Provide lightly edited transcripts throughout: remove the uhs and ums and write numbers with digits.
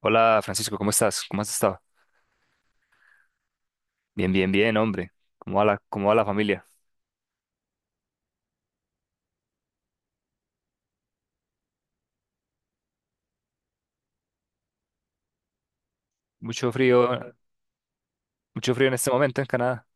Hola, Francisco, ¿cómo estás? ¿Cómo has estado? Bien, bien, bien, hombre. ¿Cómo va la familia? Mucho frío, mucho frío en este momento en Canadá.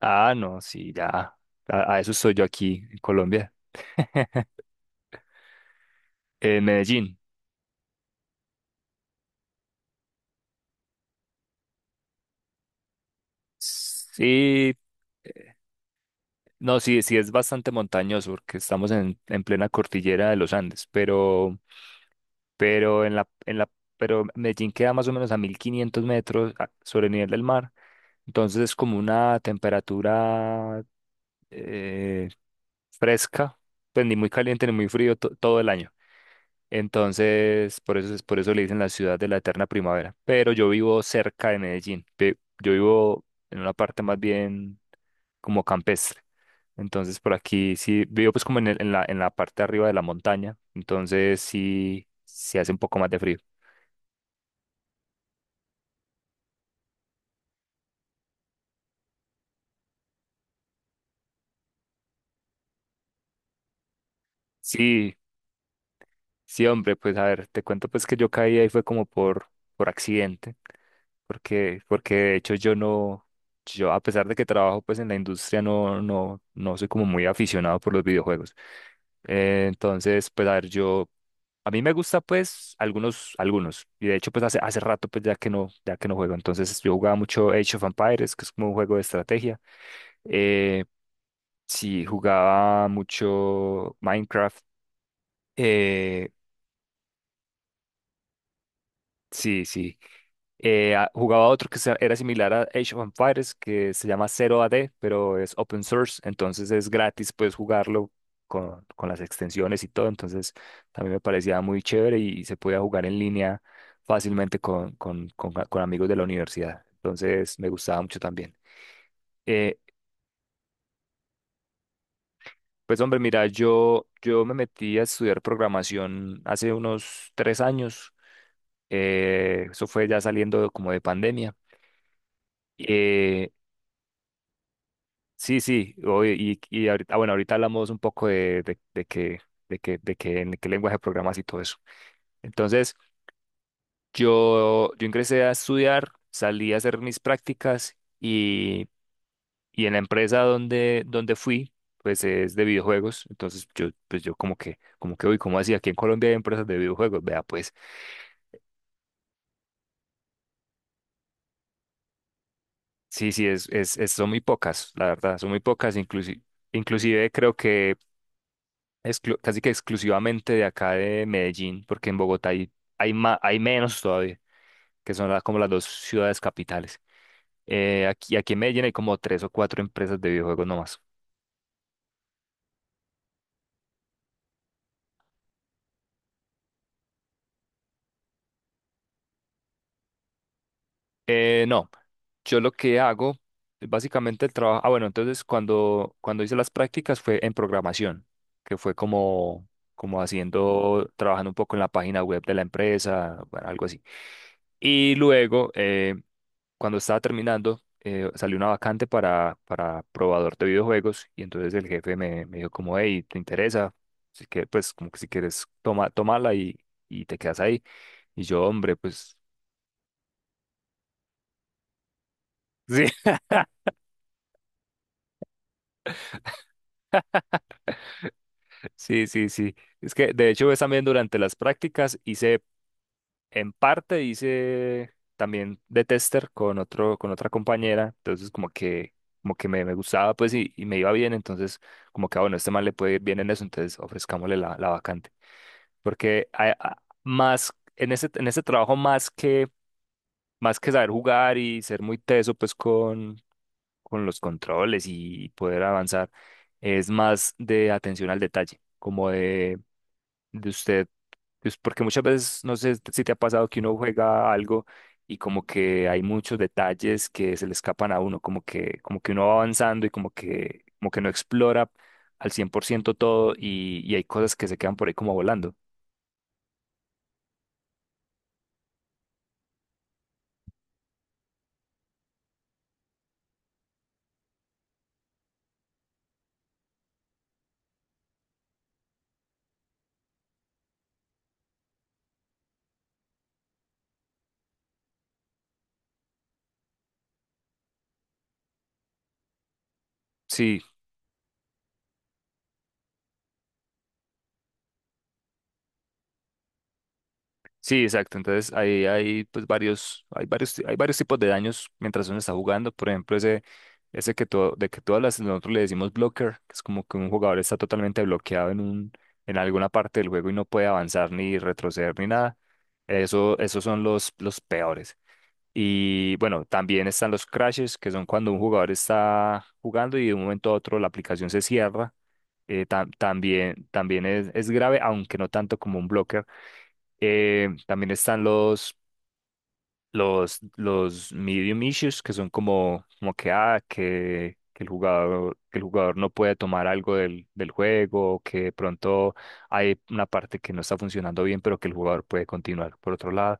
Ah, no, sí, ya. A eso soy yo aquí en Colombia. En Medellín. Sí, eh, no, sí, sí es bastante montañoso porque estamos en plena cordillera de los Andes, pero, pero en la, en la, pero Medellín queda más o menos a 1500 metros sobre el nivel del mar. Entonces es como una temperatura eh, fresca, pues ni muy caliente ni muy frío todo el año. Entonces, por eso, por eso le dicen la ciudad de la eterna primavera. Pero yo vivo cerca de Medellín. Yo vivo en una parte más bien como campestre. Entonces, por aquí sí, vivo pues como en la parte de arriba de la montaña. Entonces, sí, se hace un poco más de frío. Sí, sí, hombre, pues a ver, te cuento pues que yo caí ahí fue como por accidente, porque de hecho yo no, yo a pesar de que trabajo pues en la industria no, no, no soy como muy aficionado por los videojuegos. Entonces, pues a ver, yo, a mí me gusta pues algunos, y de hecho pues hace rato pues ya que no juego. Entonces yo jugaba mucho Age of Empires, que es como un juego de estrategia. eh, sí, jugaba mucho Minecraft, eh, sí, sí. Jugaba otro que era similar a Age of Empires, que se llama Zero AD, pero es open source, entonces es gratis, puedes jugarlo con las extensiones y todo. Entonces también me parecía muy chévere y se podía jugar en línea fácilmente con amigos de la universidad. Entonces me gustaba mucho también. Eh, pues, hombre, mira, yo me metí a estudiar programación hace unos 3 años. Eso fue ya saliendo como de pandemia. Eh, Sí, sí, y ahorita, ah, bueno, ahorita hablamos un poco de, de que, de que en qué lenguaje programas y todo eso. Entonces, yo ingresé a estudiar, salí a hacer mis prácticas, y en la empresa donde fui, pues es de videojuegos. Entonces yo, pues yo como que, uy, ¿cómo así? Aquí en Colombia hay empresas de videojuegos. Vea, pues, sí, sí, son muy pocas, la verdad, son muy pocas. Inclusive creo que casi que exclusivamente de acá de Medellín, porque en Bogotá hay menos todavía, que son como las dos ciudades capitales. Aquí en Medellín hay como tres o cuatro empresas de videojuegos nomás. No, yo lo que hago, básicamente el trabajo, ah, bueno, entonces cuando, cuando hice las prácticas fue en programación, que fue como haciendo, trabajando un poco en la página web de la empresa, bueno, algo así. Y luego, cuando estaba terminando, salió una vacante para probador de videojuegos, y entonces el jefe me dijo como: «Hey, ¿te interesa?» Así que, pues, como que si quieres, toma, tómala y te quedas ahí. Y yo, hombre, pues… Sí. Sí, sí, sí. Es que de hecho, ves, también durante las prácticas hice, en parte hice también de tester con otro, con otra compañera. Entonces como que me gustaba, pues, y me iba bien. Entonces, como que, ah, bueno, este man le puede ir bien en eso, entonces ofrezcámosle la vacante. Porque más, en ese trabajo, más que saber jugar y ser muy teso, pues, con los controles y poder avanzar, es más de atención al detalle, como de usted, pues, porque muchas veces, no sé si te ha pasado, que uno juega algo y como que hay muchos detalles que se le escapan a uno, como que uno va avanzando y como que no explora al 100% todo, y hay cosas que se quedan por ahí como volando. Sí, sí, exacto. Entonces hay pues varios tipos de daños mientras uno está jugando. Por ejemplo, ese que todo, de que todas las, nosotros le decimos blocker, que es como que un jugador está totalmente bloqueado en alguna parte del juego y no puede avanzar ni retroceder ni nada. Eso, esos son los peores. Y bueno, también están los crashes, que son cuando un jugador está jugando y de un momento a otro la aplicación se cierra. También es grave, aunque no tanto como un blocker. También están los medium issues, que son como que el jugador no puede tomar algo del juego, o que de pronto hay una parte que no está funcionando bien, pero que el jugador puede continuar. Por otro lado,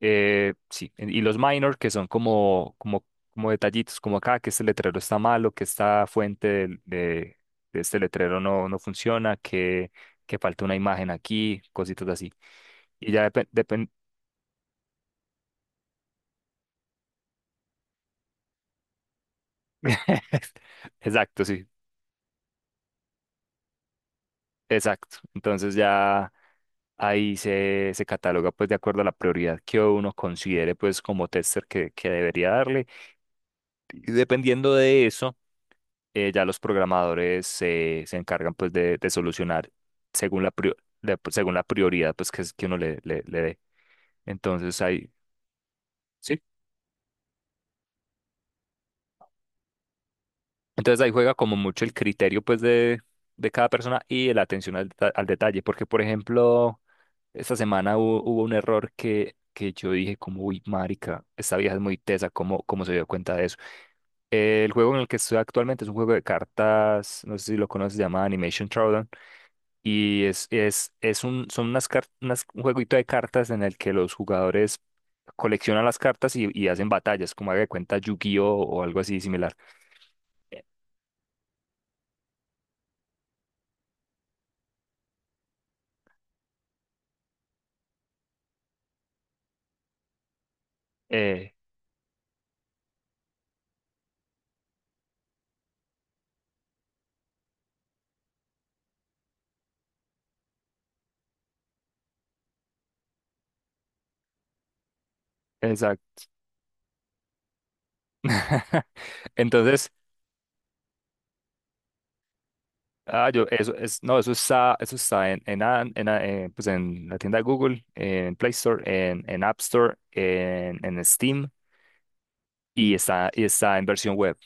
sí, y los minor, que son como detallitos, como acá, que este letrero está malo, que esta fuente de este letrero no funciona, que falta una imagen aquí, cositas así. Y ya depen- depen- Exacto, sí, exacto. Entonces ya ahí se cataloga pues de acuerdo a la prioridad que uno considere pues como tester que debería darle. Y dependiendo de eso, ya los programadores se encargan pues de solucionar según la, prio- según la prioridad pues que uno le dé. Entonces ahí, sí. Entonces ahí juega como mucho el criterio pues de cada persona y la atención al detalle, porque por ejemplo… Esta semana hubo un error que yo dije como: «Uy, marica, esta vieja es muy tesa, ¿cómo se dio cuenta de eso?» El juego en el que estoy actualmente es un juego de cartas, no sé si lo conoces, se llama Animation Drawdown, y es un, son unas, car- unas- un jueguito de cartas en el que los jugadores coleccionan las cartas y hacen batallas, como haga de cuenta Yu-Gi-Oh o algo así similar. Eh, exacto. Entonces, ah, yo, no, eso está en, An- en, a- pues en la tienda de Google, en Play Store, en App Store, en Steam, y está en versión web.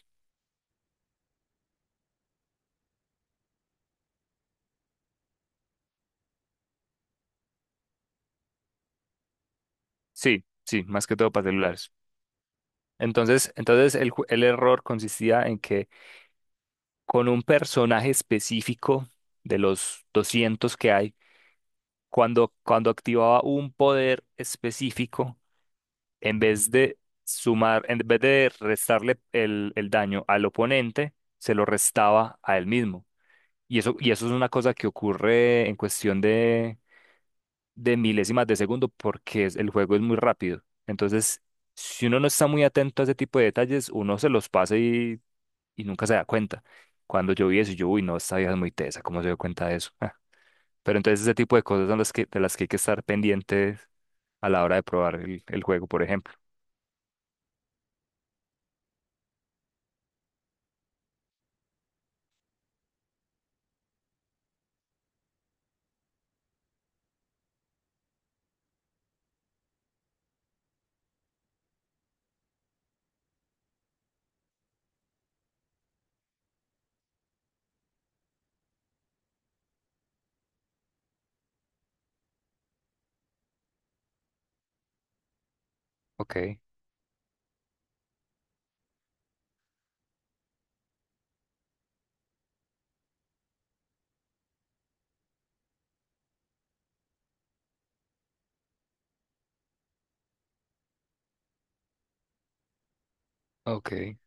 Sí, sí, más que todo para celulares. Entonces, entonces el error consistía en que, con un personaje específico de los 200 que hay, cuando activaba un poder específico, en vez de sumar, en vez de restarle el daño al oponente, se lo restaba a él mismo. Y eso es una cosa que ocurre en cuestión de milésimas de segundo, porque el juego es muy rápido. Entonces, si uno no está muy atento a ese tipo de detalles, uno se los pasa y nunca se da cuenta. Cuando yo vi eso, uy, no, esta vieja es muy tesa, ¿cómo se dio cuenta de eso? Ah, pero entonces ese tipo de cosas son las que, de las que hay que estar pendientes a la hora de probar el juego, por ejemplo. Ok, ok.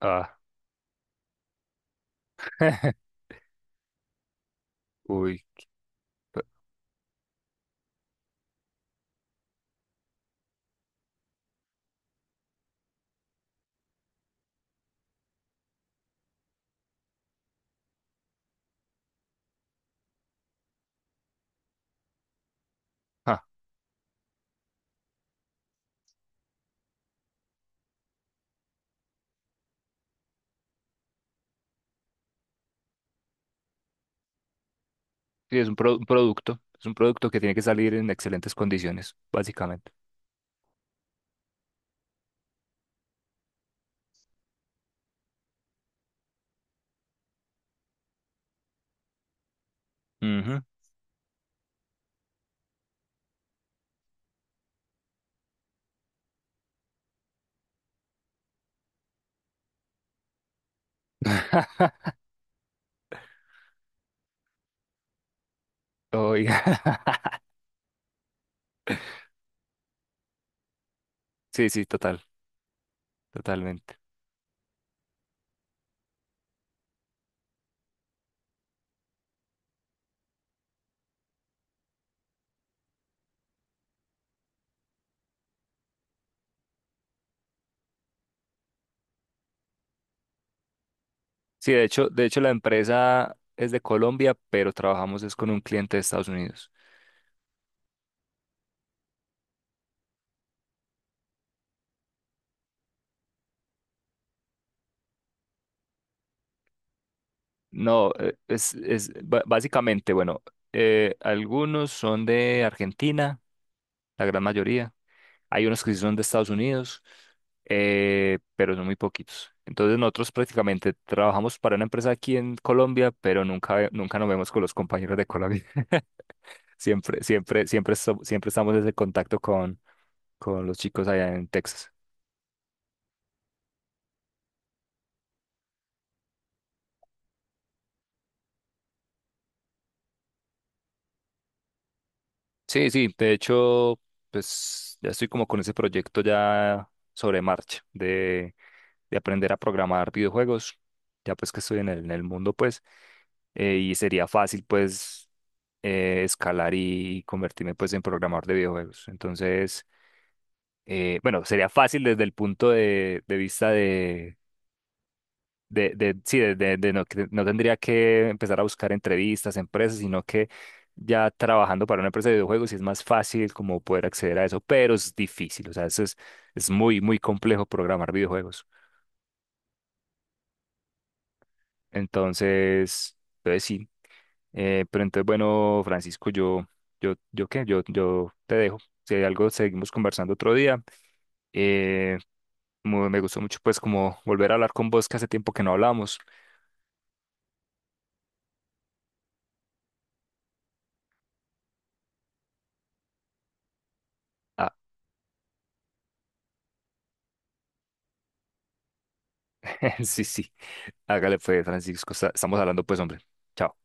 Ah, uy. Ah, sí, es un producto. Es un producto que tiene que salir en excelentes condiciones, básicamente. Ujú. Oiga. Sí, sí, total, totalmente. Sí, de hecho la empresa es de Colombia, pero trabajamos es con un cliente de Estados Unidos. No, es básicamente, bueno, algunos son de Argentina, la gran mayoría. Hay unos que sí son de Estados Unidos, pero son muy poquitos. Entonces nosotros prácticamente trabajamos para una empresa aquí en Colombia, pero nunca, nunca nos vemos con los compañeros de Colombia. Siempre, siempre, siempre, siempre estamos en ese contacto con los chicos allá en Texas. Sí, sí, de hecho, pues ya estoy como con ese proyecto ya sobre marcha de aprender a programar videojuegos, ya pues que estoy en el mundo, pues. Y sería fácil pues escalar y convertirme pues en programador de videojuegos. Entonces, bueno, sería fácil desde el punto de vista de, de que no tendría que empezar a buscar entrevistas, empresas, sino que ya trabajando para una empresa de videojuegos sí es más fácil como poder acceder a eso, pero es difícil, o sea, eso es muy, muy complejo programar videojuegos. Entonces, entonces sí. Pero entonces, bueno, Francisco, yo, qué, yo te dejo. Si hay algo, seguimos conversando otro día. Eh, Me gustó mucho, pues, como volver a hablar con vos, que hace tiempo que no hablamos. Ah, sí, sí. Hágale, pues, Francisco. Estamos hablando, pues, hombre. Chao.